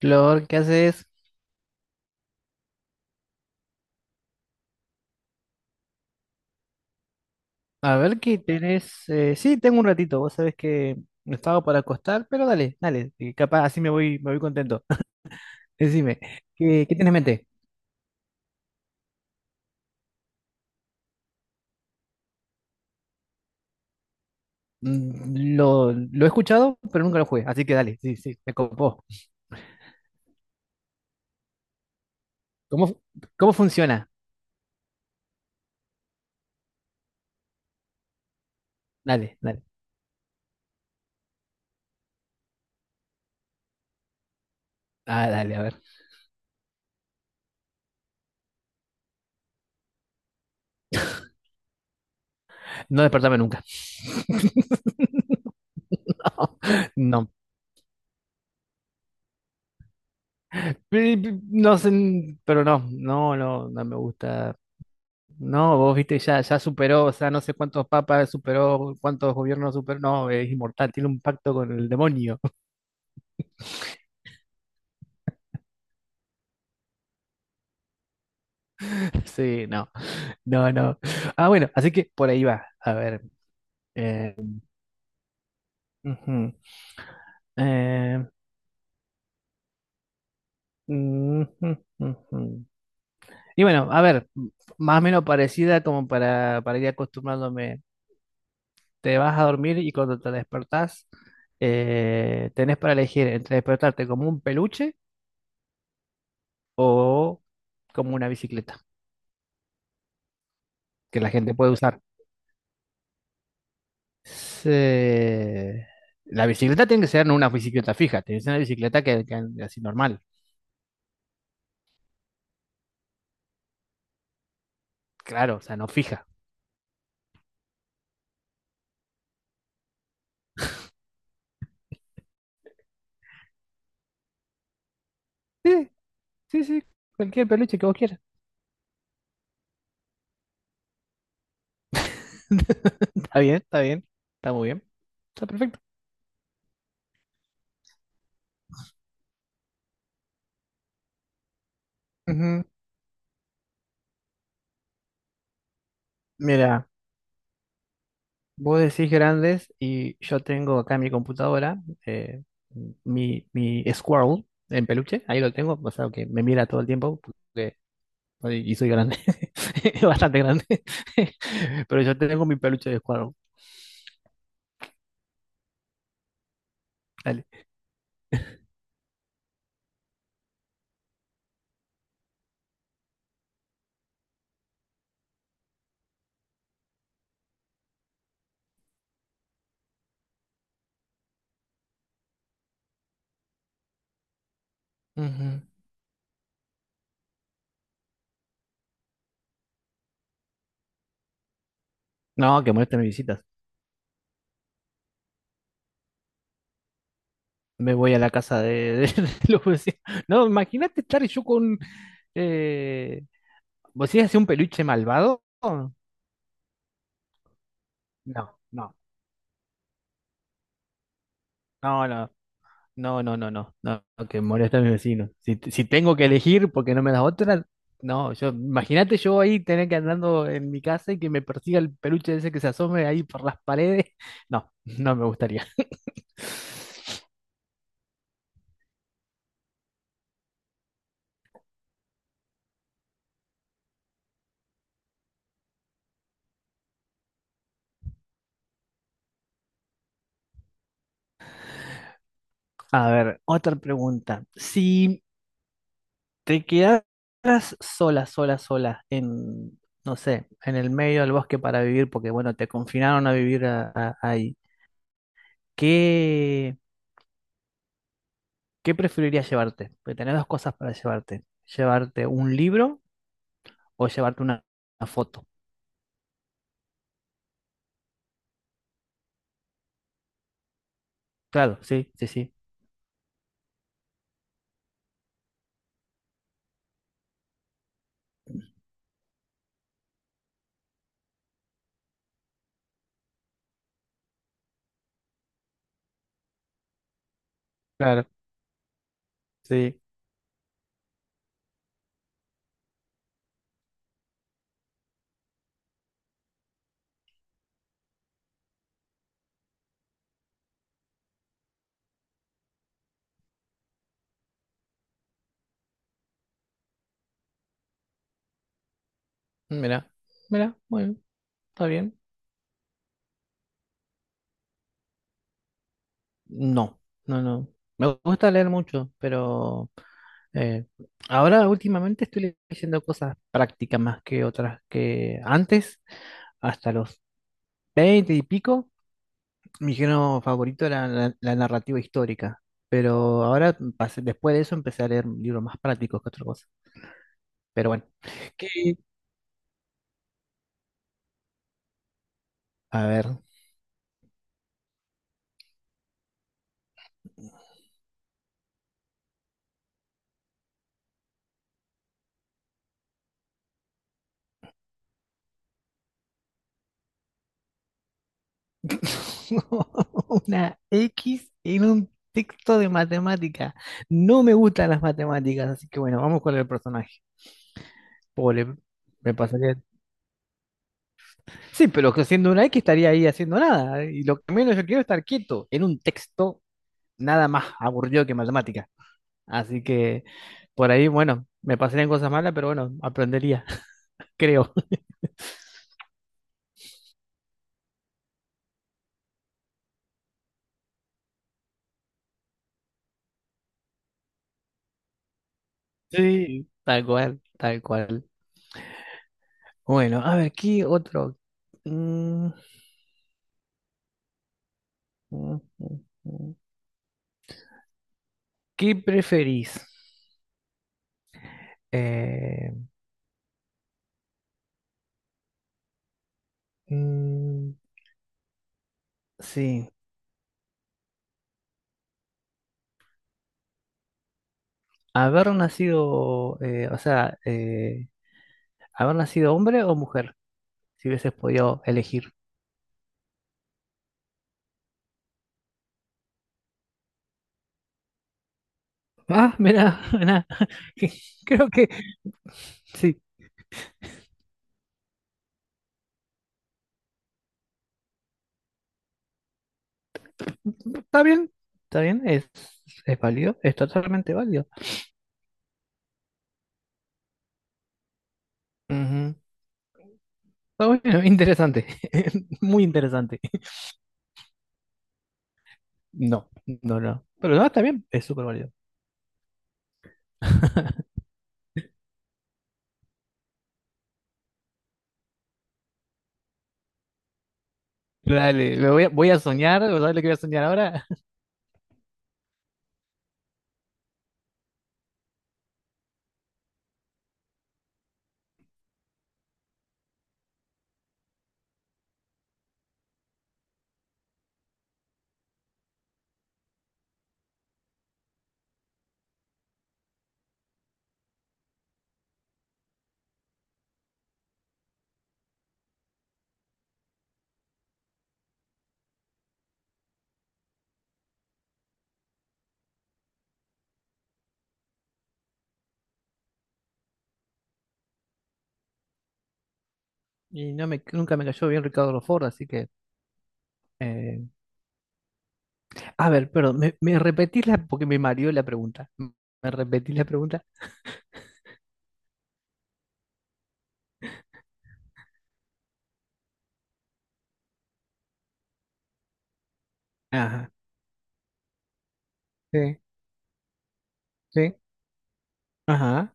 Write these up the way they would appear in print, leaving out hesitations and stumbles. Flor, ¿qué haces? A ver qué tenés. Sí, tengo un ratito. Vos sabés que estaba para acostar, pero dale, dale. Que Capaz así me voy contento. Decime, ¿qué tenés en mente? Lo he escuchado, pero nunca lo jugué. Así que dale, sí, sí, me copó. ¿Cómo, fu- Cómo funciona? Dale, dale. Ah, dale, a ver. No despertame nunca. No, no sé, pero no, no, no, no me gusta. No, vos viste, ya, ya superó, o sea, no sé cuántos papas superó, cuántos gobiernos superó, no, es inmortal, tiene un pacto con el demonio. Sí, no, no, no. Ah, bueno, así que por ahí va. A ver. eh, Ujú, eh, ujú, ujú. Y bueno, a ver, más o menos parecida como para ir acostumbrándome. Te vas a dormir y cuando te despertás, tenés para elegir entre despertarte como un peluche o como una bicicleta. Que la gente puede usar. Se- La bicicleta tiene que ser no una bicicleta fija, tiene que ser una bicicleta que ande así normal, claro, o sea, no fija. Sí, sí, sí, cualquier peluche que vos quieras. Está bien, está bien, está muy bien, está perfecto. Ujú. Mira, vos decís grandes y yo tengo acá en mi computadora eh, mi Squirrel en peluche, ahí lo tengo, o sea, que me mira todo el tiempo, porque ay, y soy grande, bastante grande. Pero yo tengo mi peluche de Squarrow. Dale. Ujú. No, que moleste mis visitas. Me voy a la casa de los vecinos. No, imagínate estar yo con. Eh... ¿Vos decís un peluche malvado? No, no, no, no. No, no, no, no, no, no, que molesta a mis vecinos. Si, si tengo que elegir porque no me das otra, no, yo, imagínate yo ahí tener que andando en mi casa y que me persiga el peluche ese que se asome ahí por las paredes. No, no me gustaría. A ver, otra pregunta. Si te quedaras sola, sola, sola en, no sé, en el medio del bosque para vivir, porque bueno, te confinaron a vivir ahí, ¿qué, ¿qué preferirías llevarte? Porque tenés dos cosas para llevarte. ¿Llevarte un libro o llevarte una foto? Claro, sí, sí, sí. Claro, sí. Mira, mira, bueno, está bien. No, no, no. Me gusta leer mucho, pero eh, ahora últimamente estoy leyendo cosas prácticas más que otras que antes, hasta los 20 y pico. Mi género favorito era la narrativa histórica, pero ahora después de eso empecé a leer libros más prácticos que otras cosas. Pero bueno, ¿qué? A ver, una X en un texto de matemática. No me gustan las matemáticas, así que bueno, vamos con el personaje. Pobre, me pasaría. Sí, pero que siendo una X estaría ahí haciendo nada. ¿Eh? Y lo que menos yo quiero es estar quieto en un texto nada más aburrido que matemática. Así que por ahí, bueno, me pasarían cosas malas, pero bueno, aprendería, creo. Sí, tal cual, tal cual. Bueno, a ver, ¿qué otro? Mm, ujú, ujú. ¿Qué preferís? Eh, mm, sí, haber nacido, eh, o sea, eh, haber nacido hombre o mujer, si hubieses podido elegir. Ah, mira, mira, creo que sí, está bien, está bien, es válido, es totalmente válido. Ujú. Está bueno, interesante, muy interesante. No, no, no, pero no, está bien, es súper válido. Dale, voy a soñar, ¿sabes lo que voy a soñar ahora? Y no me, nunca me cayó bien Ricardo Ford, así que... eh, A ver, perdón, ¿me, me repetís la... porque me mareó la pregunta. ¿Me repetís la pregunta? Ajá, sí, sí, ajá.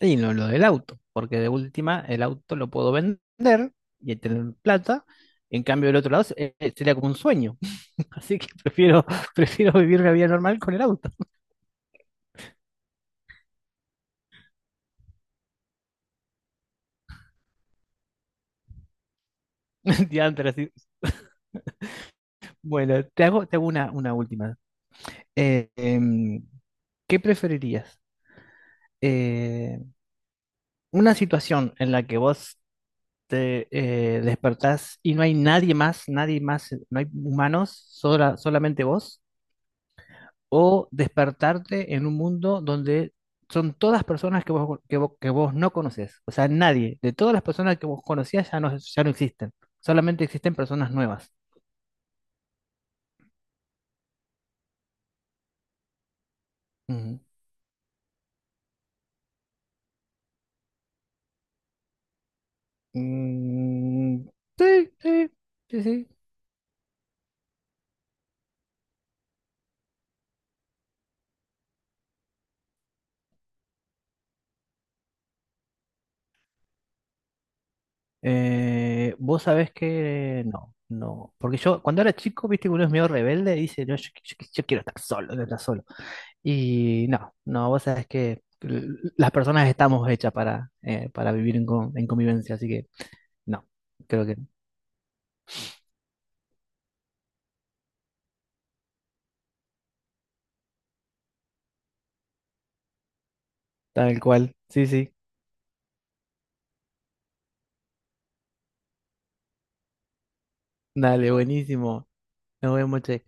Y no lo del auto, porque de última el auto lo puedo vender y tener plata. En cambio, del otro lado sería como un sueño. Así que prefiero, prefiero vivir la vida normal con el auto. Diantre, así. Bueno, te hago una última. Eh, em, ¿Qué preferirías? Eh, una situación en la que vos te despertás y no hay nadie más, nadie más, no hay humanos, solamente vos, o despertarte en un mundo donde son todas personas que vos no conoces, o sea, nadie, de todas las personas que vos conocías ya no, ya no existen, solamente existen personas nuevas. Ujú. Mm, sí, sí, sí, sí. Vos sabés que no, no. Porque yo, cuando era chico, viste que uno es medio rebelde y dice, no, yo, yo quiero estar solo, quiero estar solo. Y no, no, vos sabés que las personas estamos hechas para vivir en, en convivencia, así que no, creo que tal cual. Sí, sí, dale, buenísimo. Nos vemos, che.